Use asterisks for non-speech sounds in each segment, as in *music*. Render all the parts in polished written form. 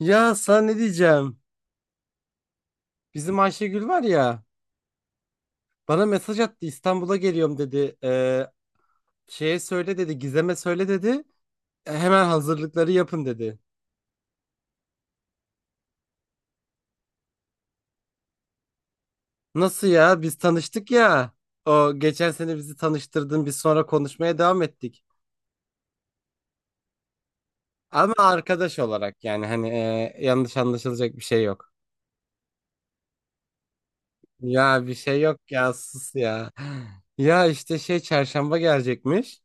Ya sana ne diyeceğim? Bizim Ayşegül var ya, bana mesaj attı, İstanbul'a geliyorum dedi. Şeye söyle dedi, Gizem'e söyle dedi. E, hemen hazırlıkları yapın dedi. Nasıl ya, biz tanıştık ya. O geçen sene bizi tanıştırdın, biz sonra konuşmaya devam ettik. Ama arkadaş olarak, yani hani yanlış anlaşılacak bir şey yok. Ya bir şey yok ya, sus ya. Ya işte şey, çarşamba gelecekmiş.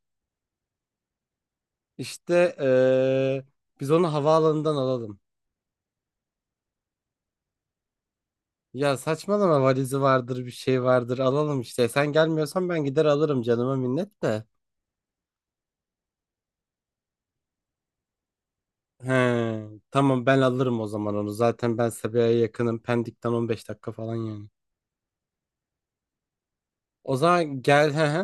İşte biz onu havaalanından alalım. Ya saçmalama, valizi vardır bir şey vardır, alalım işte. Sen gelmiyorsan ben gider alırım, canıma minnet de. He, tamam, ben alırım o zaman onu. Zaten ben Sabiha'ya yakınım. Pendik'ten 15 dakika falan yani. O zaman gel, he he.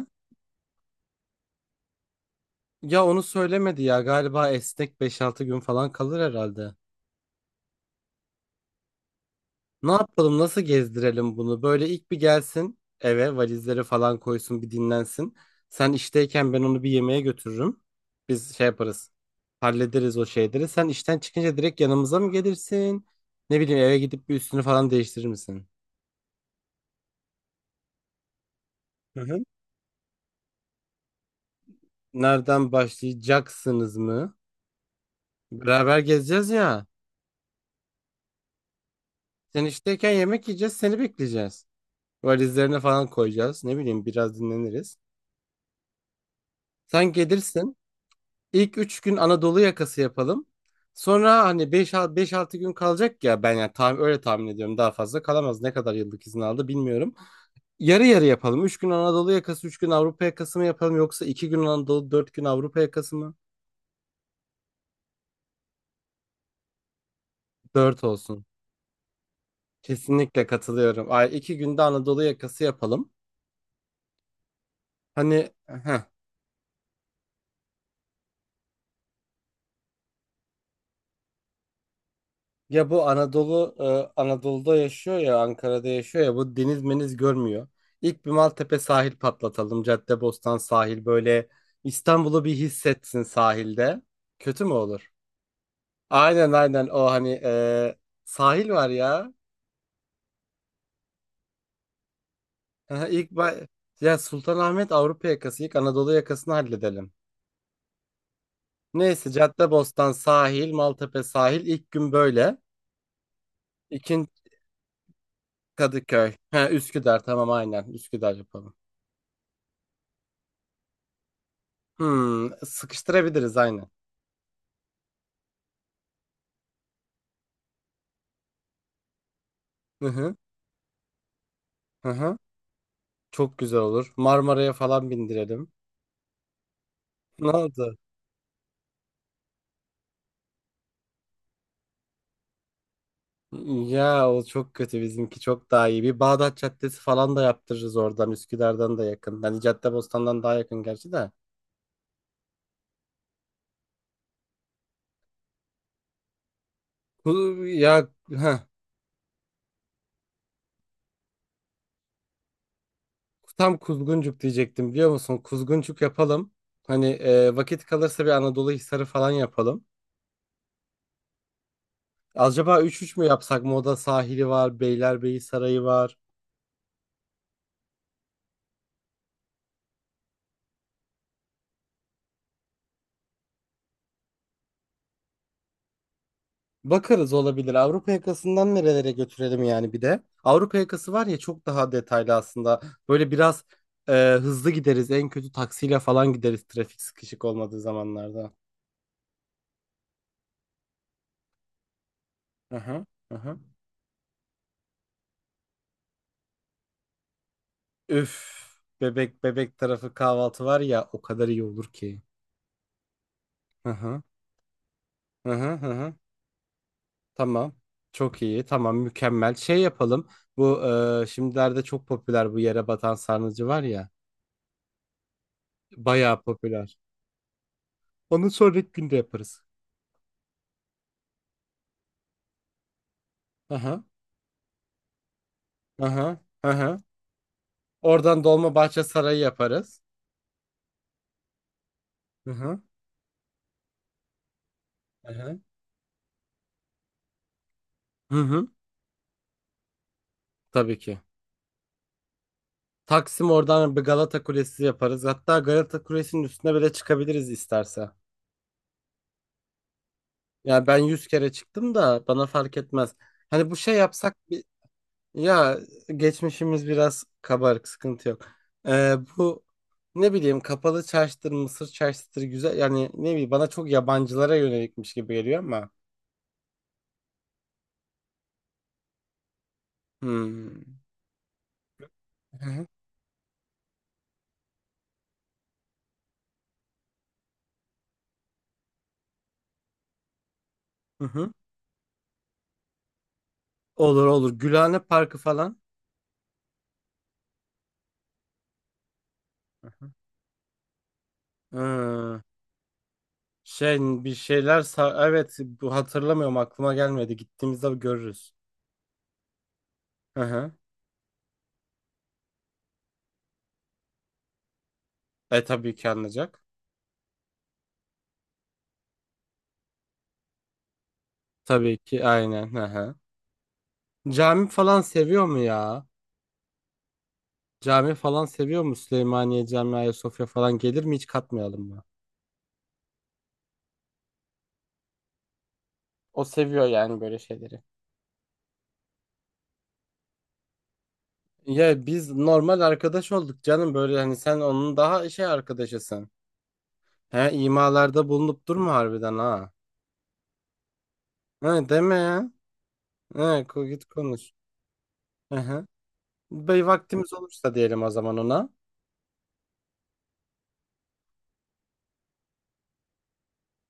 Ya onu söylemedi ya, galiba esnek 5-6 gün falan kalır herhalde. Ne yapalım, nasıl gezdirelim bunu? Böyle ilk bir gelsin eve, valizleri falan koysun, bir dinlensin. Sen işteyken ben onu bir yemeğe götürürüm. Biz şey yaparız, hallederiz o şeyleri. Sen işten çıkınca direkt yanımıza mı gelirsin? Ne bileyim, eve gidip bir üstünü falan değiştirir misin? Hı hı. Nereden başlayacaksınız mı? Beraber gezeceğiz ya. Sen işteyken yemek yiyeceğiz, seni bekleyeceğiz. Valizlerini falan koyacağız. Ne bileyim, biraz dinleniriz. Sen gelirsin. İlk 3 gün Anadolu yakası yapalım. Sonra hani 5-6 gün kalacak ya, ben yani tahmin, öyle tahmin ediyorum daha fazla kalamaz. Ne kadar yıllık izin aldı bilmiyorum. Yarı yarı yapalım. 3 gün Anadolu yakası, 3 gün Avrupa yakası mı yapalım, yoksa 2 gün Anadolu, 4 gün Avrupa yakası mı? 4 olsun. Kesinlikle katılıyorum. Ay, 2 günde Anadolu yakası yapalım. Hani heh. Ya bu Anadolu Anadolu'da yaşıyor ya, Ankara'da yaşıyor ya, bu deniz meniz görmüyor. İlk bir Maltepe sahil patlatalım. Caddebostan sahil, böyle İstanbul'u bir hissetsin sahilde. Kötü mü olur? Aynen aynen, o hani sahil var ya. *laughs* İlk ba- ya Sultanahmet Avrupa yakası, ilk Anadolu yakasını halledelim. Neyse, Caddebostan sahil, Maltepe sahil ilk gün böyle. İkinci Kadıköy. Ha, Üsküdar, tamam aynen, Üsküdar yapalım. Hmm, sıkıştırabiliriz aynen. Hı hı, hı hı. Çok güzel olur. Marmara'ya falan bindirelim. Ne oldu? Ya o çok kötü, bizimki çok daha iyi. Bir Bağdat Caddesi falan da yaptırırız, oradan Üsküdar'dan da yakın. Hani Caddebostan'dan daha yakın gerçi de. Ya heh, tam Kuzguncuk diyecektim biliyor musun? Kuzguncuk yapalım. Hani vakit kalırsa bir Anadolu Hisarı falan yapalım. Acaba üç üç mü yapsak? Moda sahili var, Beylerbeyi Sarayı var. Bakarız, olabilir. Avrupa yakasından nerelere götürelim yani bir de. Avrupa yakası var ya, çok daha detaylı aslında. Böyle biraz e, hızlı gideriz. En kötü taksiyle falan gideriz, trafik sıkışık olmadığı zamanlarda. Aha, aha. Üf. Bebek, bebek tarafı kahvaltı var ya, o kadar iyi olur ki. Aha, aha, aha. Tamam. Çok iyi. Tamam, mükemmel. Şey yapalım. Bu şimdilerde çok popüler bu yere batan sarnıcı var ya. Bayağı popüler. Onu sonraki günde yaparız. Aha. Hı hı. Hı hı. Oradan Dolmabahçe Sarayı yaparız. Hı hı. Hı hı. Hı hı. Tabii ki. Taksim, oradan bir Galata Kulesi yaparız. Hatta Galata Kulesi'nin üstüne bile çıkabiliriz isterse. Yani ben 100 kere çıktım da bana fark etmez. Hani bu şey yapsak bir. Ya, geçmişimiz biraz kabarık, sıkıntı yok. Bu ne bileyim kapalı çarşıdır, Mısır çarşıdır, güzel yani, ne bileyim, bana çok yabancılara yönelikmiş gibi geliyor ama. Hmm. Hı hı. Hı hı. Olur olur. Gülhane Parkı falan. Aha. Ee, şey bir şeyler sa- evet, bu hatırlamıyorum, aklıma gelmedi. Gittiğimizde görürüz. Hı hı. E tabii ki anlayacak. Tabii ki aynen. Hı hı. Cami falan seviyor mu ya? Cami falan seviyor mu? Süleymaniye Camii, Ayasofya falan gelir mi? Hiç katmayalım mı? O seviyor yani böyle şeyleri. Ya biz normal arkadaş olduk canım, böyle hani sen onun daha şey arkadaşısın. He, imalarda bulunup durma harbiden ha. He, deme ya. He, git konuş. Aha. Bey, vaktimiz olursa diyelim o zaman ona.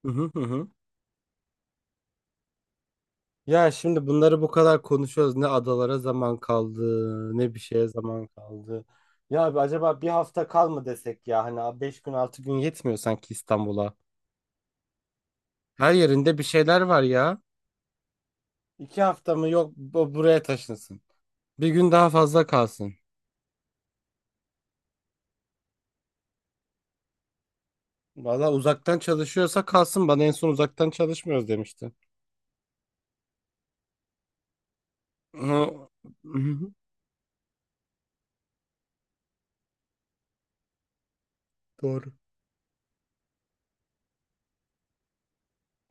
Hı hı hı, hı. Ya şimdi bunları bu kadar konuşuyoruz. Ne adalara zaman kaldı, ne bir şeye zaman kaldı. Ya abi, acaba bir hafta kal mı desek ya? Hani 5 gün 6 gün yetmiyor sanki İstanbul'a. Her yerinde bir şeyler var ya. 2 hafta mı, yok, buraya taşınsın. Bir gün daha fazla kalsın. Valla uzaktan çalışıyorsa kalsın. Bana en son uzaktan çalışmıyoruz demişti. Hı. Hı hı. Doğru.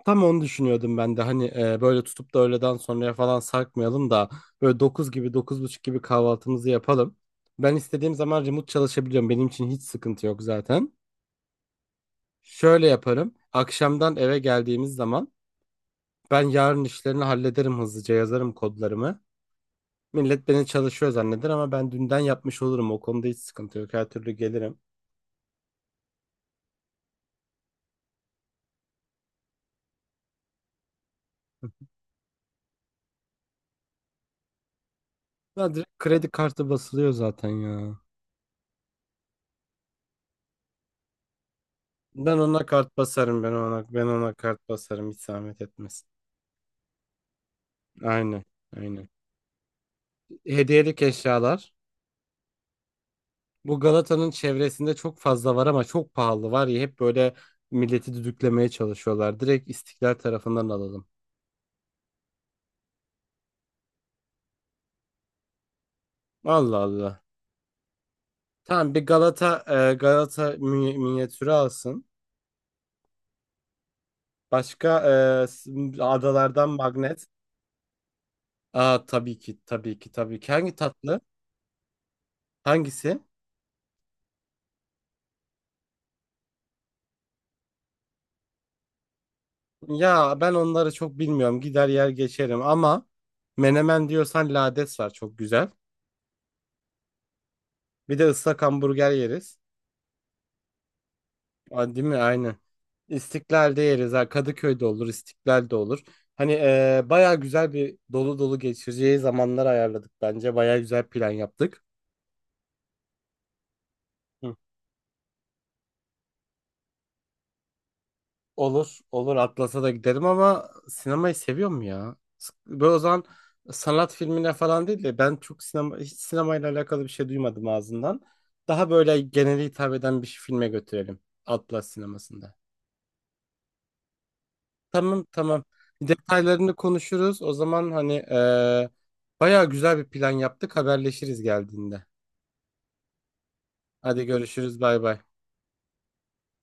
Tam onu düşünüyordum ben de, hani böyle tutup da öğleden sonraya falan sarkmayalım da böyle 9 gibi 9.30 gibi kahvaltımızı yapalım. Ben istediğim zaman remote çalışabiliyorum. Benim için hiç sıkıntı yok zaten. Şöyle yaparım. Akşamdan eve geldiğimiz zaman ben yarın işlerini hallederim, hızlıca yazarım kodlarımı. Millet beni çalışıyor zanneder ama ben dünden yapmış olurum. O konuda hiç sıkıntı yok. Her türlü gelirim. Ya direkt kredi kartı basılıyor zaten ya. Ben ona kart basarım, ben ona kart basarım, hiç zahmet etmesin. Aynen. Aynen. Hediyelik eşyalar. Bu Galata'nın çevresinde çok fazla var ama çok pahalı var ya, hep böyle milleti düdüklemeye çalışıyorlar. Direkt İstiklal tarafından alalım. Allah Allah. Tamam bir Galata minyatürü alsın. Başka e, s- adalardan magnet. Aa, tabii ki tabii ki tabii ki. Hangi tatlı? Hangisi? Ya ben onları çok bilmiyorum. Gider yer geçerim ama menemen diyorsan lades var, çok güzel. Bir de ıslak hamburger yeriz. Aa, değil mi? Aynen. İstiklal'de yeriz. Ha, Kadıköy'de olur, İstiklal'de olur. Hani baya güzel bir dolu dolu geçireceği zamanlar ayarladık bence. Baya güzel plan yaptık. Hı. Olur, olur. Atlas'a da giderim ama sinemayı seviyorum ya. Böyle o zaman sanat filmine falan değil de, ben çok sinema, hiç sinemayla alakalı bir şey duymadım ağzından. Daha böyle genele hitap eden bir filme götürelim. Atlas sinemasında. Tamam tamam. Detaylarını konuşuruz. O zaman hani bayağı güzel bir plan yaptık. Haberleşiriz geldiğinde. Hadi görüşürüz. Bay bay.